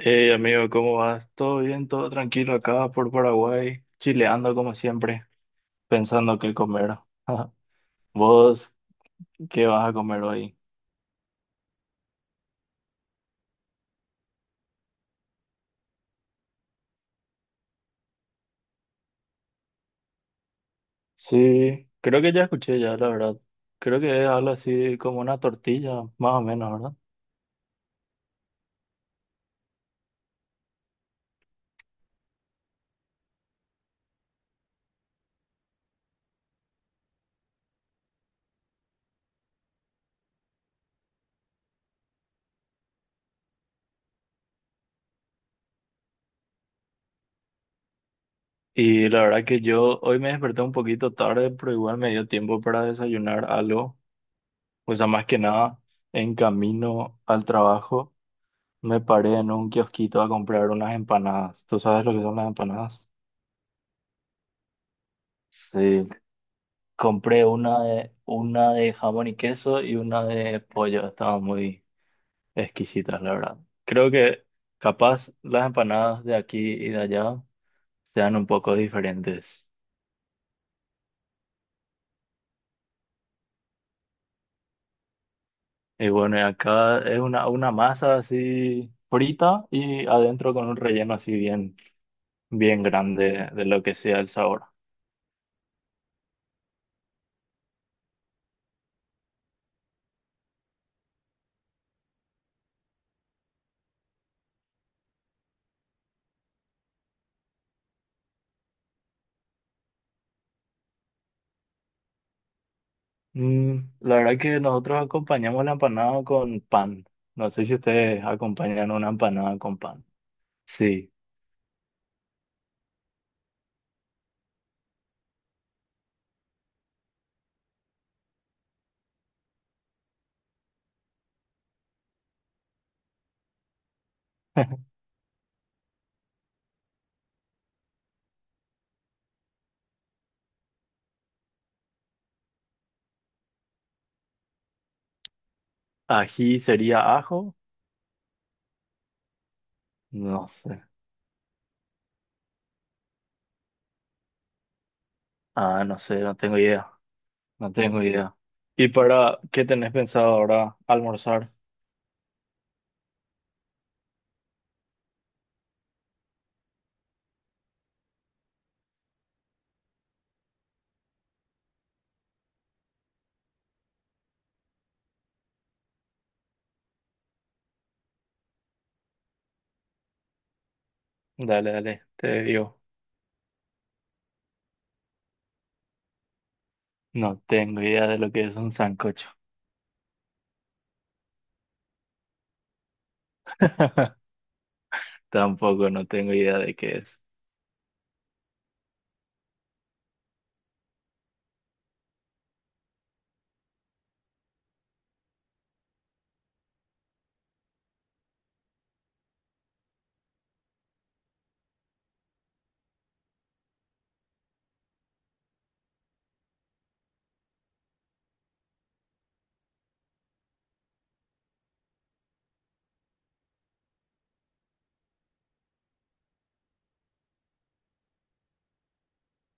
Hey amigo, ¿cómo vas? ¿Todo bien? ¿Todo tranquilo acá por Paraguay? Chileando como siempre, pensando qué comer. ¿Vos qué vas a comer hoy? Sí, creo que ya escuché ya, la verdad. Creo que es algo así como una tortilla, más o menos, ¿verdad? Y la verdad que yo hoy me desperté un poquito tarde, pero igual me dio tiempo para desayunar algo. O sea, más que nada, en camino al trabajo me paré en un kiosquito a comprar unas empanadas. ¿Tú sabes lo que son las empanadas? Sí. Compré una de jamón y queso y una de pollo. Estaban muy exquisitas, la verdad. Creo que capaz las empanadas de aquí y de allá sean un poco diferentes. Y bueno, y acá es una masa así frita y adentro con un relleno así bien, bien grande de lo que sea el sabor. Mm, la verdad que nosotros acompañamos la empanada con pan. No sé si ustedes acompañan una empanada con pan. Sí. Ají sería ajo. No sé. Ah, no sé, no tengo idea. No tengo idea. ¿Y para qué tenés pensado ahora almorzar? Dale, dale, te digo. No tengo idea de lo que es un sancocho. Tampoco no tengo idea de qué es.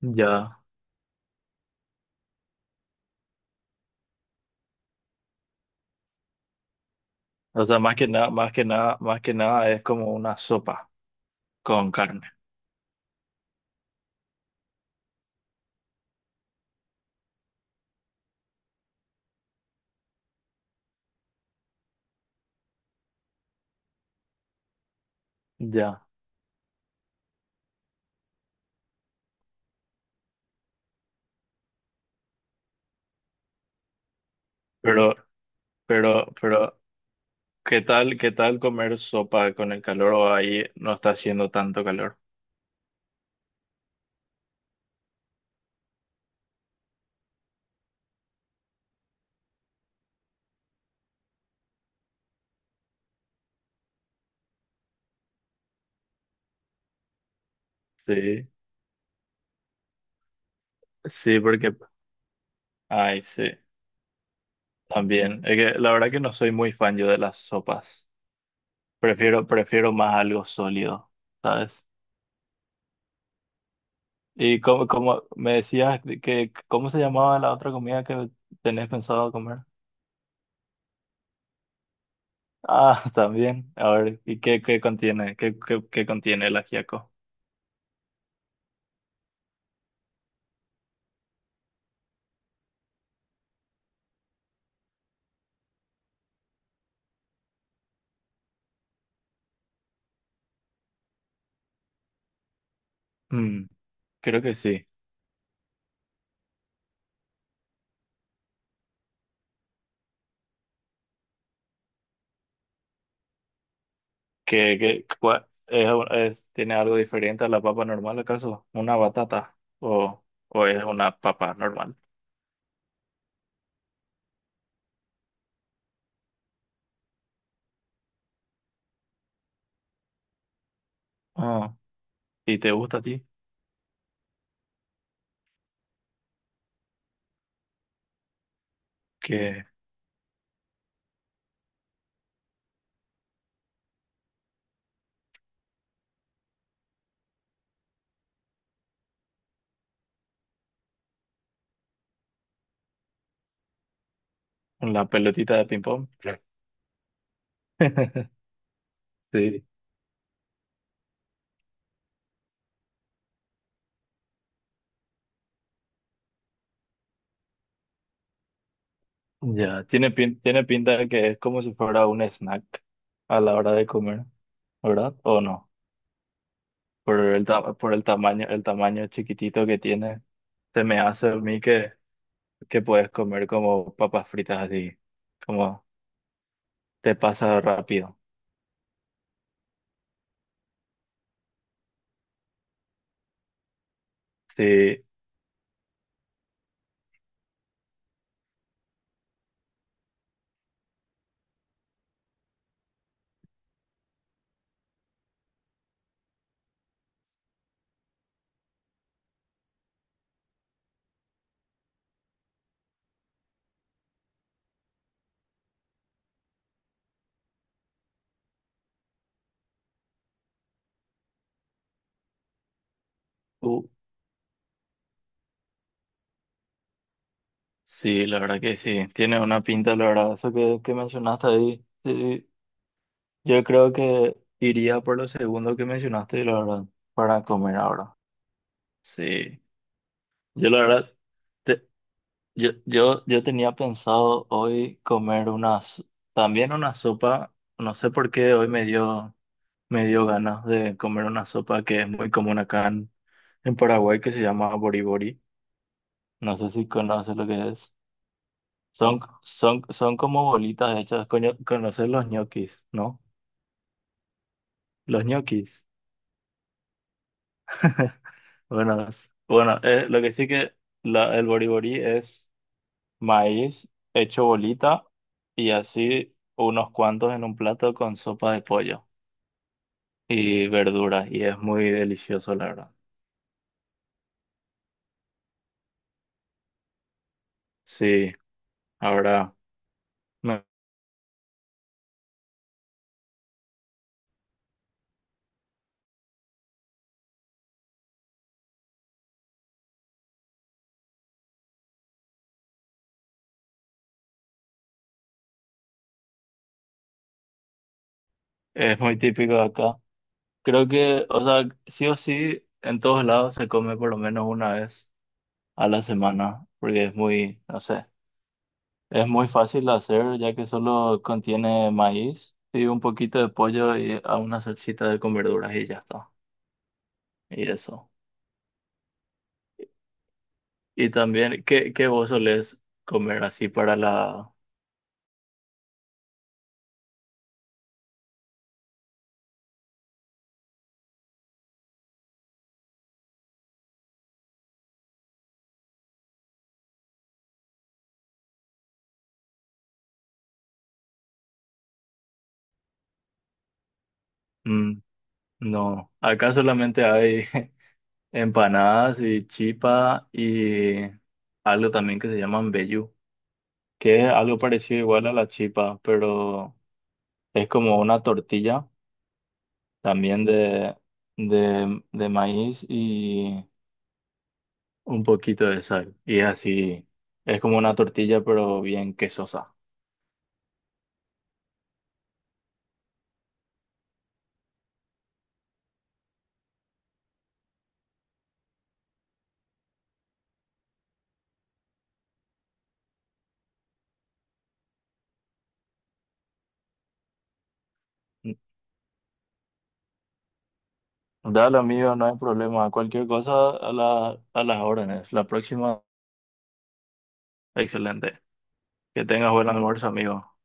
Ya. O sea, más que nada, más que nada, más que nada es como una sopa con carne. Ya. Pero, pero, qué tal comer sopa con el calor o ahí no está haciendo tanto calor? Sí, sí, porque ay, sí, también. Es que la verdad que no soy muy fan yo de las sopas. Prefiero, prefiero más algo sólido, ¿sabes? Y como, como me decías que, ¿cómo se llamaba la otra comida que tenés pensado comer? Ah, también. A ver, ¿y qué, qué contiene? ¿Qué, qué, qué contiene el ajiaco? Mm, creo que sí. ¿Qué, qué, cua- es- tiene algo diferente a la papa normal, acaso? ¿Una batata? O es una papa normal? Ah, ¿y te gusta a ti? Con la pelotita de ping-pong. Sí, ya. Tiene, pin- tiene pinta de que es como si fuera un snack a la hora de comer, ¿verdad? ¿O no? Por el, ta- por el tamaño chiquitito que tiene, se me hace a mí que puedes comer como papas fritas así, como te pasa rápido. Sí, uh, sí, la verdad que sí. Tiene una pinta, la verdad, eso que mencionaste ahí. Sí, yo creo que iría por lo segundo que mencionaste y la verdad, para comer ahora. Sí, yo la verdad, te- yo tenía pensado hoy comer unas, también una sopa, no sé por qué hoy me dio ganas de comer una sopa que es muy común acá en Paraguay que se llama boribori. No sé si conoces lo que es. Son, son, son como bolitas hechas, coño, conoces los ñoquis, ¿no? Los ñoquis. Buenas. Bueno, lo que sí que la, el boriborí es maíz hecho bolita y así unos cuantos en un plato con sopa de pollo y verduras y es muy delicioso, la verdad. Sí, ahora me- es muy típico de acá. Creo que, o sea, sí o sí, en todos lados se come por lo menos una vez a la semana porque es muy, no sé. Es muy fácil de hacer ya que solo contiene maíz y un poquito de pollo y a una salsita de con verduras y ya está. Y eso. Y también, ¿qué, qué vos solés comer así para la... Mm, no, acá solamente hay empanadas y chipa y algo también que se llaman vellú, que es algo parecido igual a la chipa, pero es como una tortilla también de maíz un poquito de sal. Y es así, es como una tortilla, pero bien quesosa. Dale, amigo, no hay problema. Cualquier cosa a la, a las órdenes. La próxima, excelente. Que tengas buen almuerzo, amigo.